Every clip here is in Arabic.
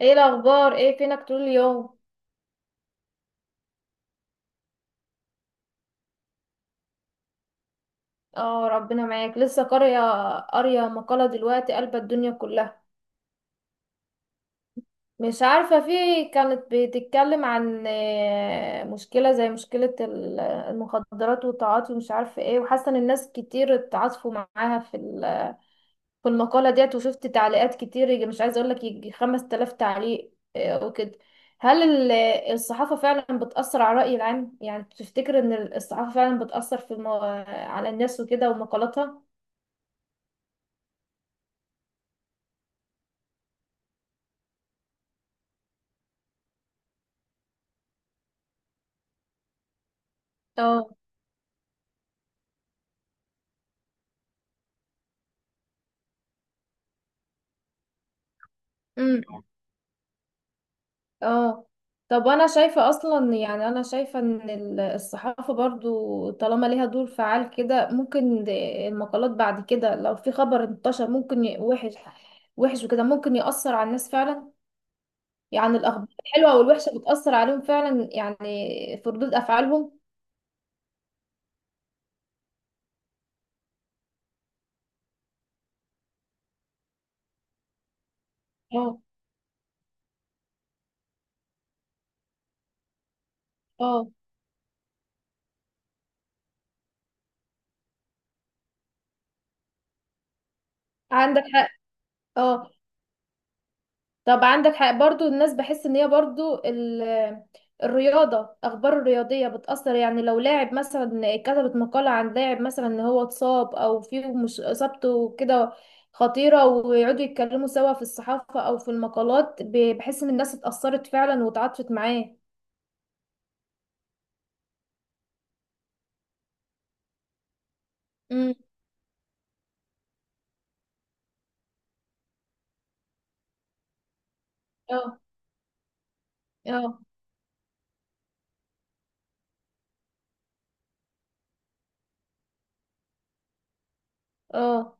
ايه الاخبار؟ ايه فينك طول اليوم؟ اه، ربنا معاك. لسه قارية، قارية مقالة دلوقتي قلب الدنيا كلها. مش عارفة، في كانت بتتكلم عن مشكلة زي مشكلة المخدرات والتعاطي، ومش عارفة ايه، وحاسة ان الناس كتير اتعاطفوا معاها في المقالة ديت. وشفت تعليقات كتير، مش عايزة اقولك، يجي 5000 تعليق وكده. هل ال- الصحافة فعلا بتأثر على الرأي العام؟ يعني تفتكر ان الصحافة فعلا بتأثر في على الناس وكده ومقالاتها؟ اه. امم. اه. طب انا شايفة اصلا، يعني انا شايفة ان الصحافة برضو طالما ليها دور فعال كده، ممكن المقالات بعد كده، لو في خبر انتشر، ممكن وحش وحش وكده، ممكن يأثر على الناس فعلا. يعني الأخبار الحلوة والوحشة بتأثر عليهم فعلا، يعني في ردود أفعالهم. اه. اه. عندك حق. اه، طب عندك حق برضو. الناس بحس ان هي برضو الرياضة، أخبار الرياضية بتأثر. يعني لو لاعب مثلا، كتبت مقالة عن لاعب مثلا ان هو اتصاب أو فيه، مش إصابته كده خطيرة، ويقعدوا يتكلموا سوا في الصحافة أو في المقالات، بحس ان الناس اتأثرت فعلا وتعاطفت معاه. امم. اه. اه. اه.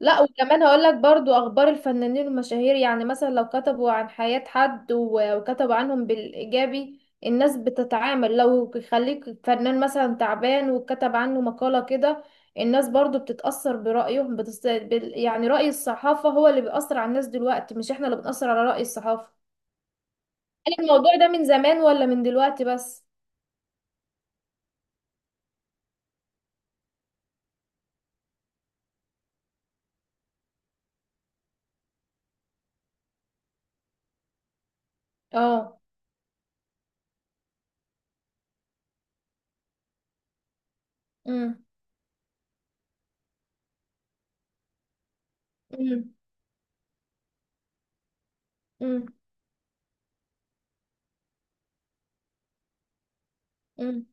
لا، وكمان هقول لك برضو اخبار الفنانين المشاهير. يعني مثلا لو كتبوا عن حياة حد، وكتبوا عنهم بالايجابي، الناس بتتعامل. لو يخليك فنان مثلا تعبان وكتب عنه مقالة كده، الناس برضو بتتأثر برأيهم، يعني رأي الصحافة هو اللي بيأثر على الناس دلوقتي، مش احنا اللي بنأثر على رأي الصحافة. هل الموضوع ده من زمان ولا من دلوقتي بس؟ اه. امم. امم. امم. امم.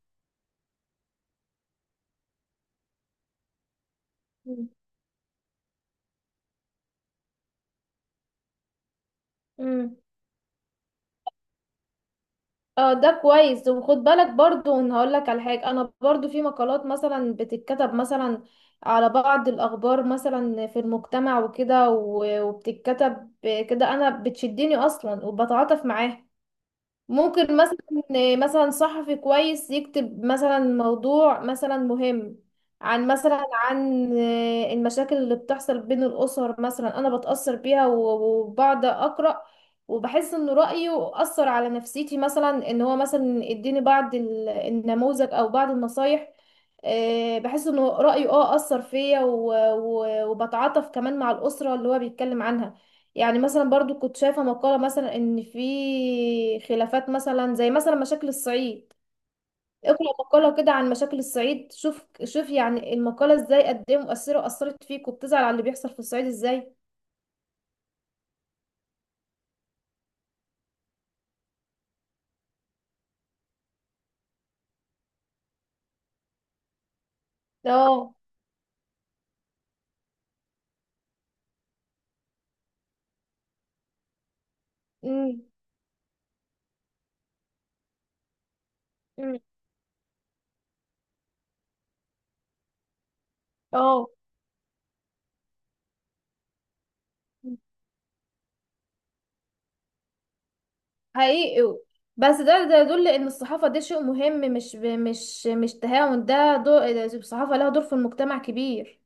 امم. اه، ده كويس. وخد بالك برضو، ان هقول لك على حاجه، انا برضو في مقالات مثلا بتتكتب مثلا على بعض الاخبار مثلا في المجتمع وكده، وبتتكتب كده، انا بتشدني اصلا وبتعاطف معاها. ممكن مثلا، مثلا صحفي كويس يكتب مثلا موضوع مثلا مهم، عن مثلا عن المشاكل اللي بتحصل بين الأسر مثلا، أنا بتأثر بيها وبقعد أقرأ، وبحس إن رأيه أثر على نفسيتي مثلا، إن هو مثلا اديني بعض النموذج أو بعض النصايح. بحس إن رأيه أثر فيا وبتعاطف كمان مع الأسرة اللي هو بيتكلم عنها. يعني مثلا برضو كنت شايفة مقالة مثلا ان في خلافات مثلا، زي مثلا مشاكل الصعيد. اقرأ مقالة كده عن مشاكل الصعيد، شوف شوف يعني المقالة ازاي، قد ايه مؤثرة، اثرت فيك وبتزعل على اللي بيحصل في الصعيد ازاي. اه. امم. أمم. اه، حقيقي. بس ده ده يدل ان الصحافة دي شيء مهم، مش تهاون ده. دور الصحافة لها دور في المجتمع كبير.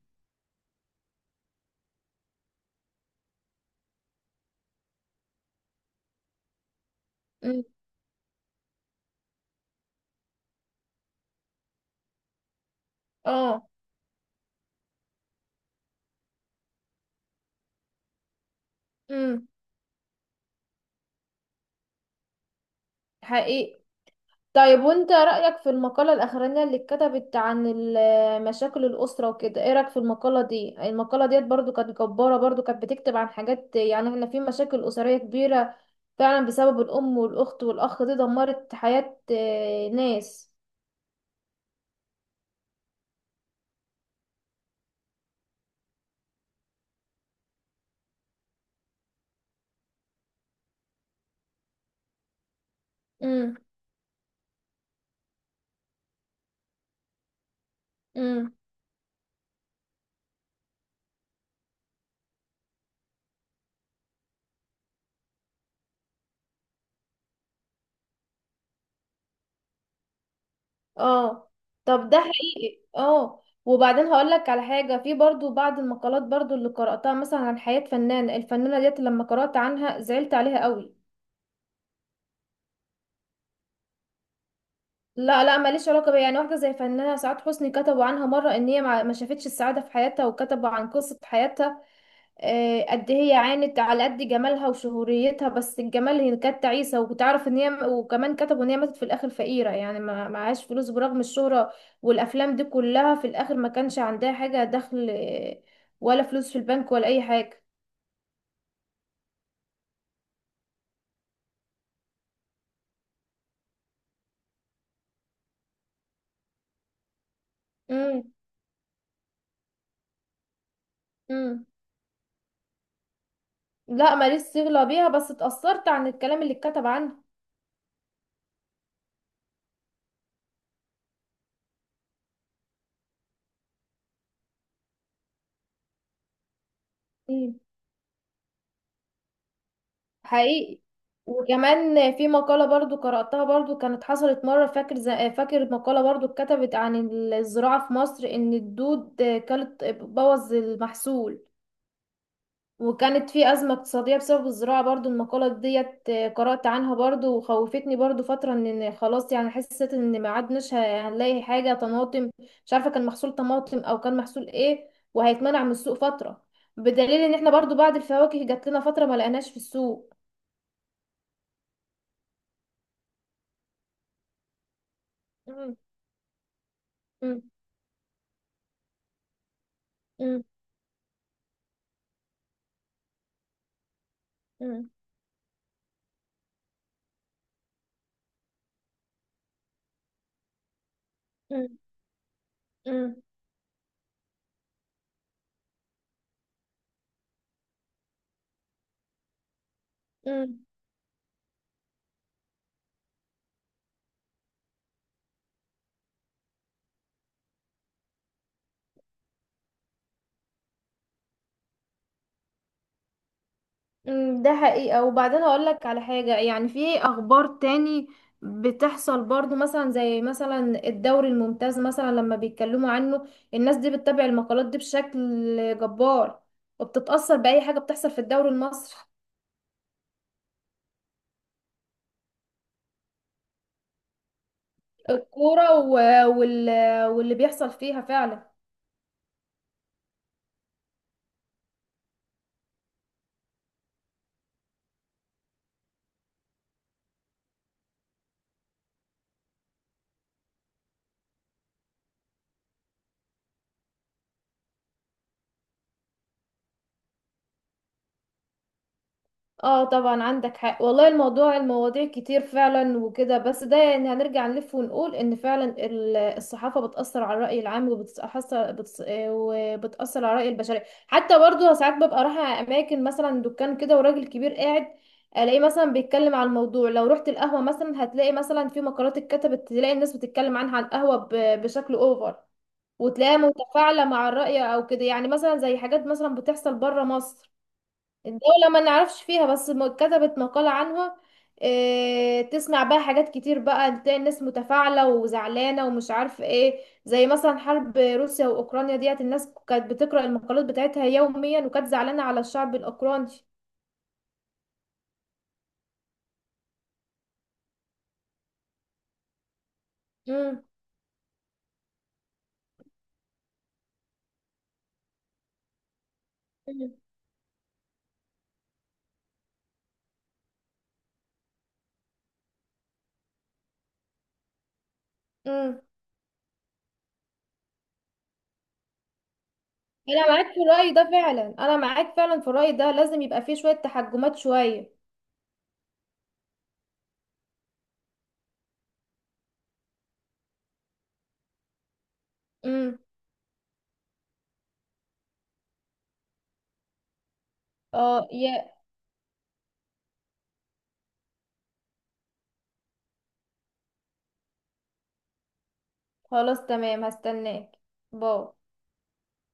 امم. اه. امم. حقيقي. طيب، وانت رأيك في المقالة الأخرانية اللي اتكتبت عن مشاكل الأسرة وكده؟ ايه رأيك في المقالة دي؟ المقالة ديت برضو كانت جبارة، برضو كانت بتكتب عن حاجات، يعني احنا في مشاكل أسرية كبيرة فعلا، بسبب الأم والأخت والأخ، دي دمرت حياة ناس. امم. امم. اه، طب ده حقيقي. اه، وبعدين هقولك على حاجة. في برضو بعض المقالات برضو اللي قرأتها مثلا عن حياة فنانة، الفنانة ديت لما قرأت عنها زعلت عليها قوي. لا، لا، ماليش علاقه بيها، يعني واحده زي فنانه سعاد حسني، كتبوا عنها مره ان هي ما شافتش السعاده في حياتها، وكتبوا عن قصه حياتها. قد إيه هي عانت على قد جمالها وشهوريتها، بس الجمال هي كانت تعيسه، وتعرف ان هي، وكمان كتبوا ان هي ماتت في الاخر فقيره، يعني ما معهاش فلوس برغم الشهره والافلام دي كلها، في الاخر ما كانش عندها حاجه دخل، ولا فلوس في البنك ولا اي حاجه. امم. امم. لا، ماليش صله بيها، بس اتأثرت عن الكلام اللي اتكتب عنها. حقيقي. وكمان في مقالة برضو قرأتها برضو، كانت حصلت مرة، فاكر، فاكر مقالة برضو اتكتبت عن الزراعة في مصر، إن الدود كانت بوظ المحصول، وكانت في أزمة اقتصادية بسبب الزراعة برضو. المقالة ديت قرأت عنها برضو وخوفتني برضو فترة، إن خلاص، يعني حسيت إن ما عدناش هنلاقي حاجة طماطم. مش عارفة كان محصول طماطم أو كان محصول إيه، وهيتمنع من السوق فترة، بدليل إن إحنا برضو بعد الفواكه جات لنا فترة ما لقيناش في السوق. مم. مم. مم. مم. مم. مم. مم. ده حقيقة. وبعدين اقول لك على حاجة، يعني في اخبار تاني بتحصل برضو، مثلا زي مثلا الدوري الممتاز مثلا، لما بيتكلموا عنه الناس دي بتتابع المقالات دي بشكل جبار، وبتتأثر بأي حاجة بتحصل في الدوري المصري. الكورة وال... واللي بيحصل فيها فعلا. اه، طبعا عندك حق والله. الموضوع، المواضيع كتير فعلا وكده، بس ده يعني هنرجع نلف ونقول ان فعلا الصحافة بتأثر على الرأي العام، وبتأثر على الرأي البشري. حتى برضو ساعات ببقى رايحة أماكن مثلا، دكان كده وراجل كبير قاعد الاقيه مثلا بيتكلم على الموضوع. لو رحت القهوة مثلا، هتلاقي مثلا في مقالات اتكتبت، تلاقي الناس بتتكلم عنها على القهوة بشكل اوفر، وتلاقيها متفاعلة مع الرأي او كده. يعني مثلا زي حاجات مثلا بتحصل بره مصر، الدولة ما نعرفش فيها، بس كتبت مقالة عنها. إيه، تسمع بقى حاجات كتير بقى، تلاقي الناس متفاعلة وزعلانة ومش عارف ايه، زي مثلا حرب روسيا وأوكرانيا ديت، الناس كانت بتقرأ المقالات بتاعتها يوميا، وكانت زعلانة على الشعب الأوكراني. امم. امم. أنا معاك في الرأي ده فعلا، أنا معاك فعلا في الرأي ده، لازم يبقى فيه شوية تحجمات شوية. امم. اه، يا خلاص، تمام، هستناك. باي.